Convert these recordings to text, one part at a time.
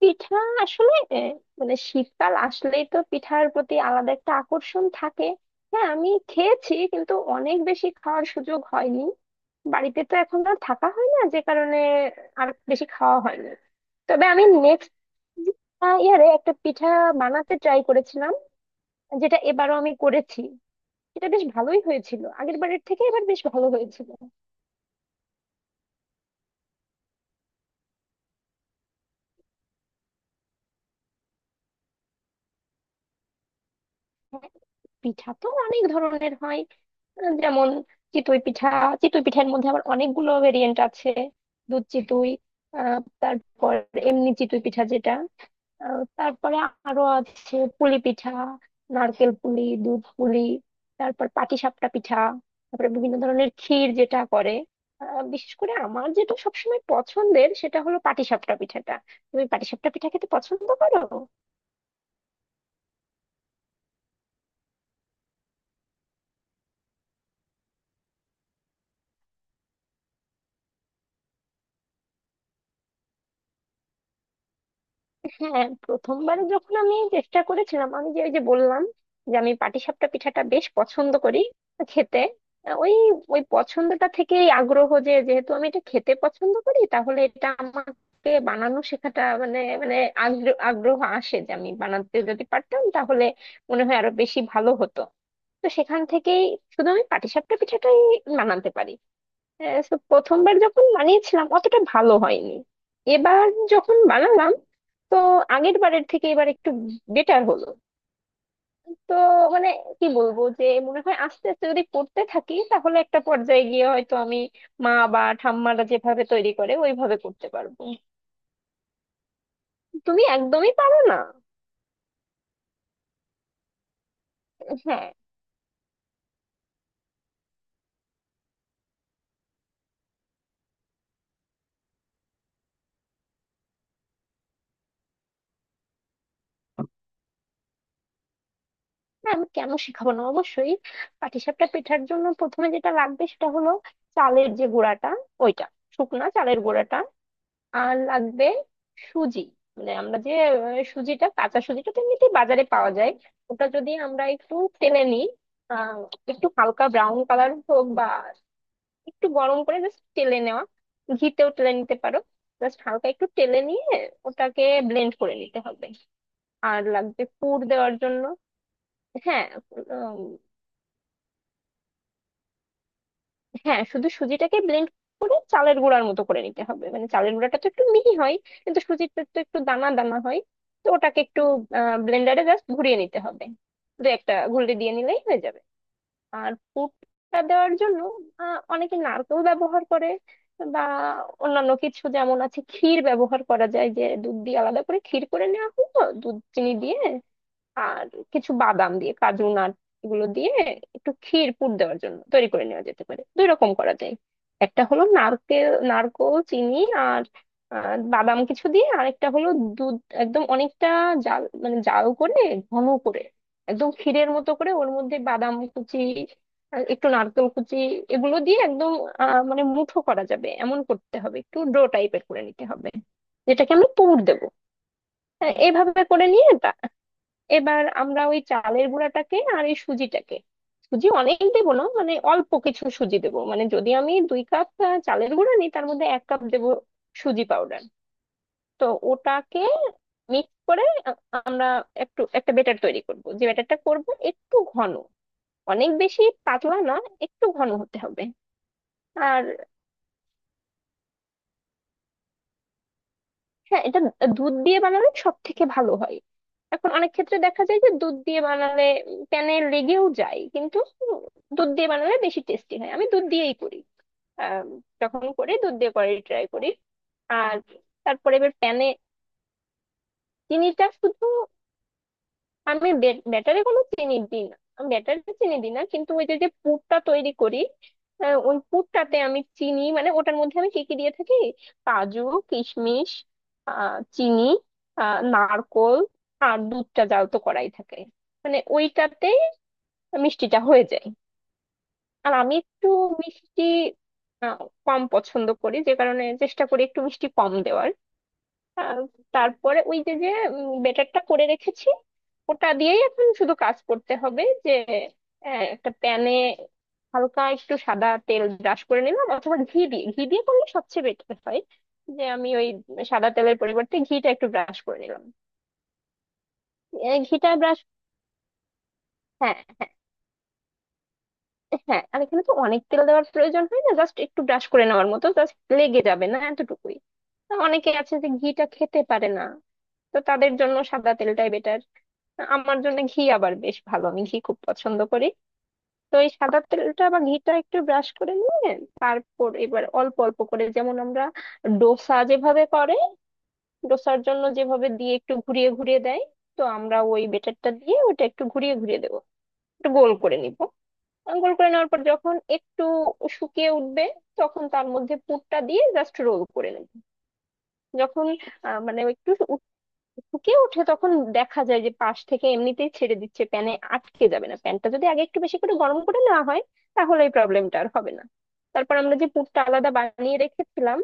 পিঠা আসলে মানে শীতকাল আসলেই তো পিঠার প্রতি আলাদা একটা আকর্ষণ থাকে। হ্যাঁ, আমি খেয়েছি, কিন্তু অনেক বেশি খাওয়ার সুযোগ হয়নি। বাড়িতে তো এখন আর থাকা হয় না, যে কারণে আর বেশি খাওয়া হয়নি। তবে আমি নেক্সট ইয়ারে একটা পিঠা বানাতে ট্রাই করেছিলাম, যেটা এবারও আমি করেছি। এটা বেশ ভালোই হয়েছিল, আগের বারের থেকে এবার বেশ ভালো হয়েছিল। হ্যাঁ, পিঠা তো অনেক ধরনের হয়। যেমন চিতই পিঠা। চিতই পিঠার মধ্যে আবার অনেকগুলো ভেরিয়েন্ট আছে। দুধ চিতই, তারপর এমনি চিতই পিঠা, যেটা তারপরে আরো আছে পুলি পিঠা, নারকেল পুলি, দুধ পুলি, তারপর পাটিসাপটা পিঠা, তারপরে বিভিন্ন ধরনের ক্ষীর, যেটা করে। বিশেষ করে আমার যেটা সবসময় পছন্দের, সেটা হলো পাটিসাপটা পিঠাটা। তুমি পাটিসাপটা পিঠা খেতে পছন্দ করো? হ্যাঁ, প্রথমবারে যখন আমি চেষ্টা করেছিলাম, আমি যে ওই যে বললাম যে আমি পাটিসাপটা পিঠাটা বেশ পছন্দ করি খেতে। আহ, ওই ওই পছন্দটা থেকেই আগ্রহ, যে যেহেতু আমি এটা খেতে পছন্দ করি, তাহলে এটা আমাকে বানানো শেখাটা মানে মানে আগ্রহ আসে, যে আমি বানাতে যদি পারতাম তাহলে মনে হয় আরো বেশি ভালো হতো। তো সেখান থেকেই শুধু আমি পাটিসাপটা পিঠাটাই বানাতে পারি। So প্রথমবার যখন বানিয়েছিলাম, অতটা ভালো হয়নি। এবার যখন বানালাম, তো আগের বারের থেকে এবার একটু বেটার হলো। তো মানে, কি বলবো, যে মনে হয় আস্তে আস্তে যদি করতে থাকি, তাহলে একটা পর্যায়ে গিয়ে হয়তো আমি মা বা ঠাম্মারা যেভাবে তৈরি করে ওইভাবে করতে পারবো। তুমি একদমই পারো না? হ্যাঁ, হ্যাঁ, আমি কেন শেখাবো না, অবশ্যই। পাটিসাপটা পেঠার জন্য প্রথমে যেটা লাগবে সেটা হলো চালের যে গুঁড়াটা, ওইটা, শুকনা চালের গুঁড়াটা। আর লাগবে সুজি। মানে আমরা যে সুজিটা, কাঁচা সুজিটা তো এমনিতেই বাজারে পাওয়া যায়। ওটা যদি আমরা একটু তেলে নিই, আহ, একটু হালকা ব্রাউন কালার হোক বা একটু গরম করে জাস্ট তেলে নেওয়া, ঘিতেও তেলে নিতে পারো। জাস্ট হালকা একটু তেলে নিয়ে ওটাকে ব্লেন্ড করে নিতে হবে। আর লাগবে পুর দেওয়ার জন্য। হ্যাঁ, হ্যাঁ, শুধু সুজিটাকে ব্লেন্ড করে চালের গুঁড়ার মতো করে নিতে হবে। মানে চালের গুঁড়াটা তো একটু মিহি হয়, কিন্তু সুজিটা তো একটু দানা দানা হয়। তো ওটাকে একটু ব্লেন্ডারে জাস্ট ঘুরিয়ে নিতে হবে, দু একটা ঘুরিয়ে দিয়ে নিলেই হয়ে যাবে। আর পুরটা দেওয়ার জন্য অনেকে নারকেল ব্যবহার করে, বা অন্যান্য কিছু, যেমন আছে ক্ষীর ব্যবহার করা যায়। যে দুধ দিয়ে আলাদা করে ক্ষীর করে নেওয়া হলো, দুধ চিনি দিয়ে, আর কিছু বাদাম দিয়ে, কাজু নাট, এগুলো দিয়ে একটু ক্ষীর পুর দেওয়ার জন্য তৈরি করে নেওয়া যেতে পারে। দুই রকম করা যায়। একটা হলো নারকেল, নারকোল, চিনি আর বাদাম কিছু দিয়ে। আরেকটা হলো দুধ একদম অনেকটা জাল, মানে জাল করে ঘন করে, একদম ক্ষীরের মতো করে, ওর মধ্যে বাদাম কুচি আর একটু নারকেল কুচি, এগুলো দিয়ে একদম মানে মুঠো করা যাবে এমন করতে হবে, একটু ডো টাইপের করে নিতে হবে, যেটাকে আমি পুর দেবো। হ্যাঁ, এইভাবে করে নিয়ে এবার আমরা ওই চালের গুঁড়াটাকে আর এই সুজিটাকে, সুজি অনেক দেবো না, মানে অল্প কিছু সুজি দেবো, মানে যদি আমি দুই কাপ চালের গুঁড়া নিই, তার মধ্যে এক কাপ দেবো সুজি পাউডার। তো ওটাকে মিক্স করে আ- আমরা একটু একটা বেটার তৈরি করব। যে ব্যাটারটা করব একটু ঘন, অনেক বেশি পাতলা না, একটু ঘন হতে হবে। আর হ্যাঁ, এটা দুধ দিয়ে বানালে সব থেকে ভালো হয়। এখন অনেক ক্ষেত্রে দেখা যায় যে দুধ দিয়ে বানালে প্যানে লেগেও যায় কিন্তু, উম, দুধ দিয়ে বানালে বেশি টেস্টি হয়, আমি দুধ দিয়েই করি। আম, যখন করি, দুধ দিয়ে করার ট্রাই করি। আর তারপরে এবার প্যানে চিনিটা শুধু, আমি ব্যাটারে কোনো চিনি দিই না, আমি ব্যাটারে চিনি দিই না, কিন্তু ওই যে যে পুরটা তৈরি করি ওই পুরটাতে আমি চিনি, মানে ওটার মধ্যে আমি কি কি দিয়ে থাকি — কাজু, কিশমিশ, চিনি, নারকোল। আর দুধটা জাল তো করাই থাকে, মানে ওইটাতে মিষ্টিটা হয়ে যায়। আর আমি একটু মিষ্টি আহ, কম পছন্দ করি, যে কারণে চেষ্টা করি একটু মিষ্টি কম দেওয়ার। আহ, তারপরে ওই যে যে বেটারটা করে রেখেছি, ওটা দিয়েই এখন শুধু কাজ করতে হবে। যে একটা প্যানে হালকা একটু সাদা তেল ব্রাশ করে নিলাম, অথবা ঘি দিয়ে, ঘি দিয়ে করলে সবচেয়ে বেটার হয়। যে আমি ওই সাদা তেলের পরিবর্তে ঘিটা একটু ব্রাশ করে নিলাম। ঘিটা ব্রাশ। হ্যাঁ, হ্যাঁ, হ্যাঁ, আর এখানে তো অনেক তেল দেওয়ার প্রয়োজন হয় না, জাস্ট একটু ব্রাশ করে নেওয়ার মতো, জাস্ট লেগে যাবে না, এতটুকুই। তা অনেকে আছে যে ঘিটা খেতে পারে না, তো তাদের জন্য সাদা তেলটাই বেটার। আমার জন্য ঘি আবার বেশ ভালো, আমি ঘি খুব পছন্দ করি। তো এই সাদা তেলটা বা ঘিটা একটু ব্রাশ করে নিয়ে তারপর এবার অল্প অল্প করে, যেমন আমরা ডোসা যেভাবে করে, ডোসার জন্য যেভাবে দিয়ে একটু ঘুরিয়ে ঘুরিয়ে দেয়, তো আমরা ওই বেটারটা দিয়ে ওটা একটু ঘুরিয়ে ঘুরিয়ে দেবো, একটু গোল করে নিব। গোল করে নেওয়ার পর যখন একটু শুকিয়ে উঠবে, তখন তার মধ্যে পুরটা দিয়ে জাস্ট রোল করে নেব। যখন মানে একটু ফুঁকে উঠে, তখন দেখা যায় যে পাশ থেকে এমনিতেই ছেড়ে দিচ্ছে, প্যানে আটকে যাবে না। প্যানটা যদি আগে একটু বেশি করে গরম করে নেওয়া হয়, তাহলে এই প্রবলেমটা আর হবে না। তারপর আমরা যে পুরটা আলাদা বানিয়ে রেখেছিলাম,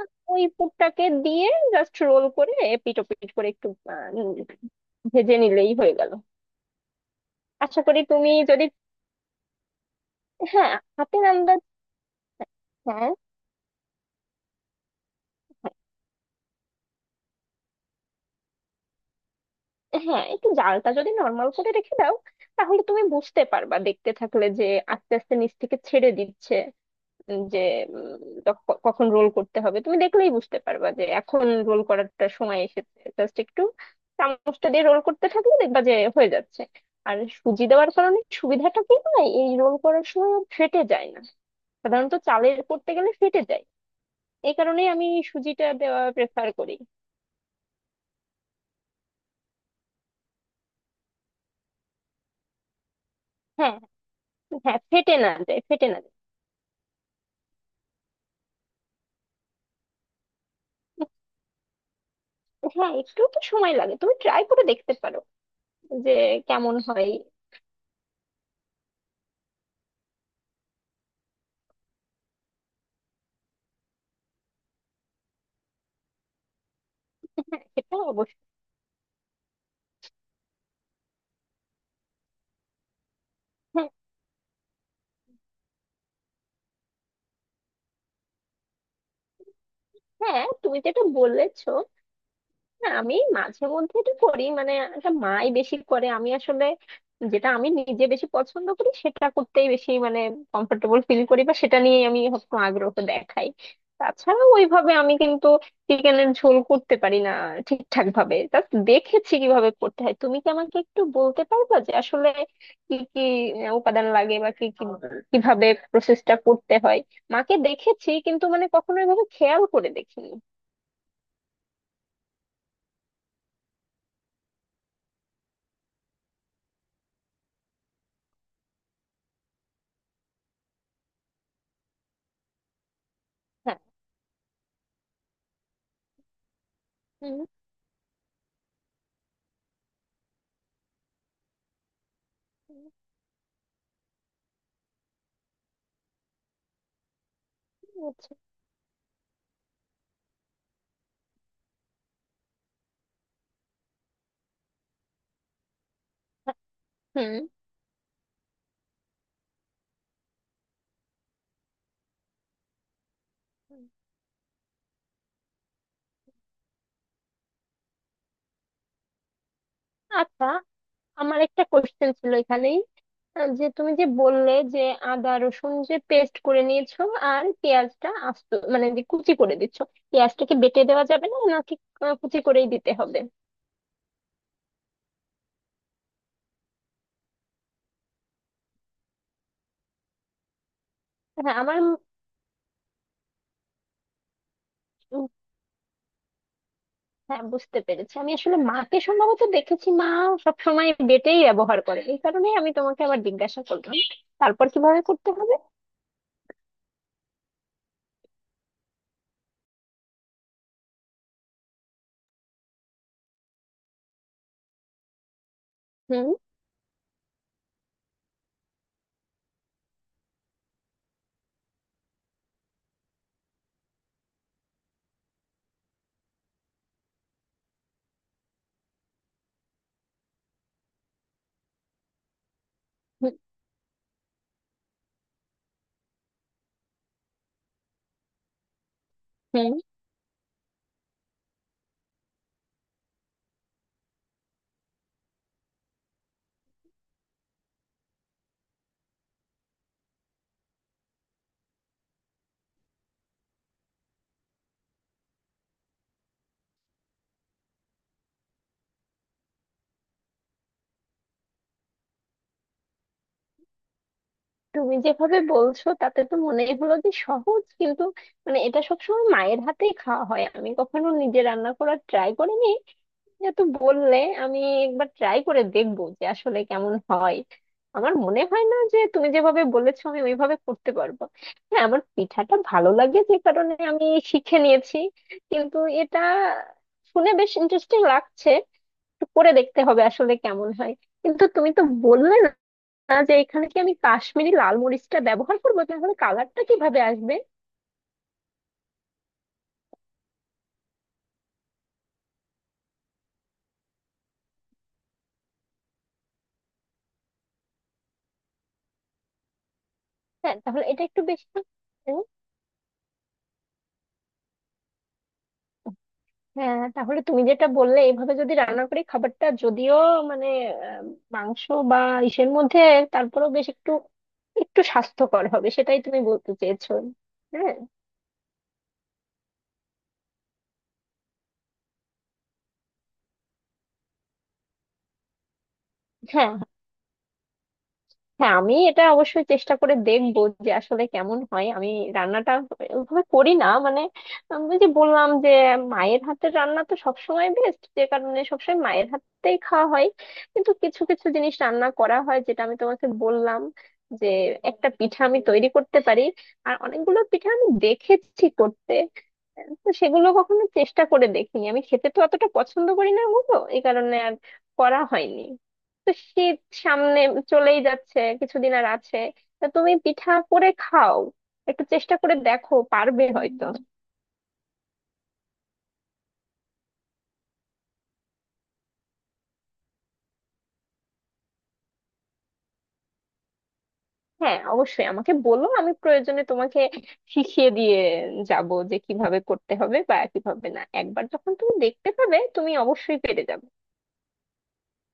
ওই পুরটাকে দিয়ে জাস্ট রোল করে এপিট ওপিট করে একটু আহ, উম, ভেজে নিলেই হয়ে গেল। আশা করি তুমি যদি… হ্যাঁ, হাতের আন্দাজ। হ্যাঁ, হ্যাঁ, একটু জালটা যদি নর্মাল করে রেখে দাও, তাহলে তুমি বুঝতে পারবা দেখতে থাকলে, যে আস্তে আস্তে নিচ থেকে ছেড়ে দিচ্ছে। যে উম, কখন রোল করতে হবে, তুমি দেখলেই বুঝতে পারবা, যে এখন রোল করারটা সময় এসেছে। জাস্ট একটু চামচটা দিয়ে রোল করতে থাকলে দেখবা যে হয়ে যাচ্ছে। আর সুজি দেওয়ার কারণে সুবিধাটা কি হয়, এই রোল করার সময় আর ফেটে যায় না, সাধারণত চালের করতে গেলে ফেটে যায়। এই কারণেই আমি সুজিটা দেওয়া প্রেফার করি। হ্যাঁ, হ্যাঁ, ফেটে না যায়, ফেটে না যায়। হ্যাঁ, একটু তো সময় লাগে, তুমি ট্রাই করে দেখতে পারো যে কেমন হয়। হ্যাঁ, সেটা অবশ্যই। হ্যাঁ, হ্যাঁ, তুমি যেটা বলেছো, না, আমি মাঝে মধ্যে এটা করি, মানে এটা মাই বেশি করে, আমি আসলে যেটা আমি নিজে বেশি পছন্দ করি সেটা করতেই বেশি, মানে কমফোর্টেবল ফিল করি, বা সেটা নিয়ে আমি হয়তো আগ্রহ দেখাই। তাছাড়া ওইভাবে আমি কিন্তু চিকেনের ঝোল করতে পারি না ঠিকঠাক ভাবে, জাস্ট দেখেছি কিভাবে করতে হয়। তুমি কি আমাকে একটু বলতে পারবা, যে আসলে কি কি উপাদান লাগে, বা কি কি, কিভাবে প্রসেসটা করতে হয়? মাকে দেখেছি, কিন্তু মানে কখনো এভাবে খেয়াল করে দেখিনি। হ্যাঁ। হুম। হুম, হুম। আচ্ছা, আমার একটা কোশ্চেন ছিল এখানেই। যে তুমি যে বললে, যে আদা রসুন যে পেস্ট করে নিয়েছো, আর পেঁয়াজটা আস্ত, মানে যে কুচি করে দিচ্ছ, পেঁয়াজটাকে বেটে দেওয়া যাবে না নাকি? কুচি করেই দিতে হবে? হ্যাঁ, আমার উম, হ্যাঁ, বুঝতে পেরেছি। আমি আসলে মাকে সম্ভবত দেখেছি, মা সবসময় বেটেই ব্যবহার করে, এই কারণে আমি তোমাকে আবার জিজ্ঞাসা করলাম। তারপর কিভাবে করতে হবে? হুম। হুম। হুম। তুমি যেভাবে বলছো তাতে তো মনেই হলো যে সহজ, কিন্তু মানে এটা সবসময় মায়ের হাতেই খাওয়া হয়, আমি কখনো নিজে রান্না করার ট্রাই করিনি। যেহেতু বললে, আমি একবার ট্রাই করে দেখবো যে আসলে কেমন হয়। আমার মনে হয় না যে তুমি যেভাবে বলেছো আমি ওইভাবে করতে পারবো। হ্যাঁ, আমার পিঠাটা ভালো লাগে যে কারণে আমি শিখে নিয়েছি, কিন্তু এটা শুনে বেশ ইন্টারেস্টিং লাগছে। একটু করে দেখতে হবে আসলে কেমন হয়। কিন্তু তুমি তো বললে না, যে এখানে কি আমি কাশ্মীরি লাল মরিচটা ব্যবহার করবো, তাহলে কালারটা কিভাবে আসবে? হ্যাঁ, তাহলে এটা একটু বেশি উম, হ্যাঁ, তাহলে তুমি যেটা বললে, এভাবে যদি রান্না করি, খাবারটা যদিও মানে আহ, মাংস বা ইসের মধ্যে, তারপরেও বেশ একটু, একটু স্বাস্থ্যকর হবে, সেটাই তুমি বলতে চেয়েছো? হ্যাঁ। হ্যাঁ, হ্যাঁ, আমি এটা অবশ্যই চেষ্টা করে দেখবো যে আসলে কেমন হয়। আমি রান্নাটা ওইভাবে করি না, মানে আমি যে বললাম যে মায়ের হাতের রান্না তো সবসময় বেস্ট, যে কারণে সবসময় মায়ের হাতেই খাওয়া হয়। কিন্তু কিছু কিছু জিনিস রান্না করা হয়, যেটা আমি তোমাকে বললাম, যে একটা পিঠা আমি তৈরি করতে পারি। আর অনেকগুলো পিঠা আমি দেখেছি করতে, তো সেগুলো কখনো চেষ্টা করে দেখিনি, আমি খেতে তো অতটা পছন্দ করি না ওগুলো, এই কারণে আর করা হয়নি। তো শীত সামনে চলেই যাচ্ছে, কিছুদিন আর আছে। তা তুমি পিঠা করে খাও, একটু চেষ্টা করে দেখো, পারবে হয়তো। হ্যাঁ, অবশ্যই আমাকে বলো, আমি প্রয়োজনে তোমাকে শিখিয়ে দিয়ে যাব, যে কিভাবে করতে হবে বা কিভাবে না। একবার যখন তুমি দেখতে পাবে, তুমি অবশ্যই পেরে যাবে।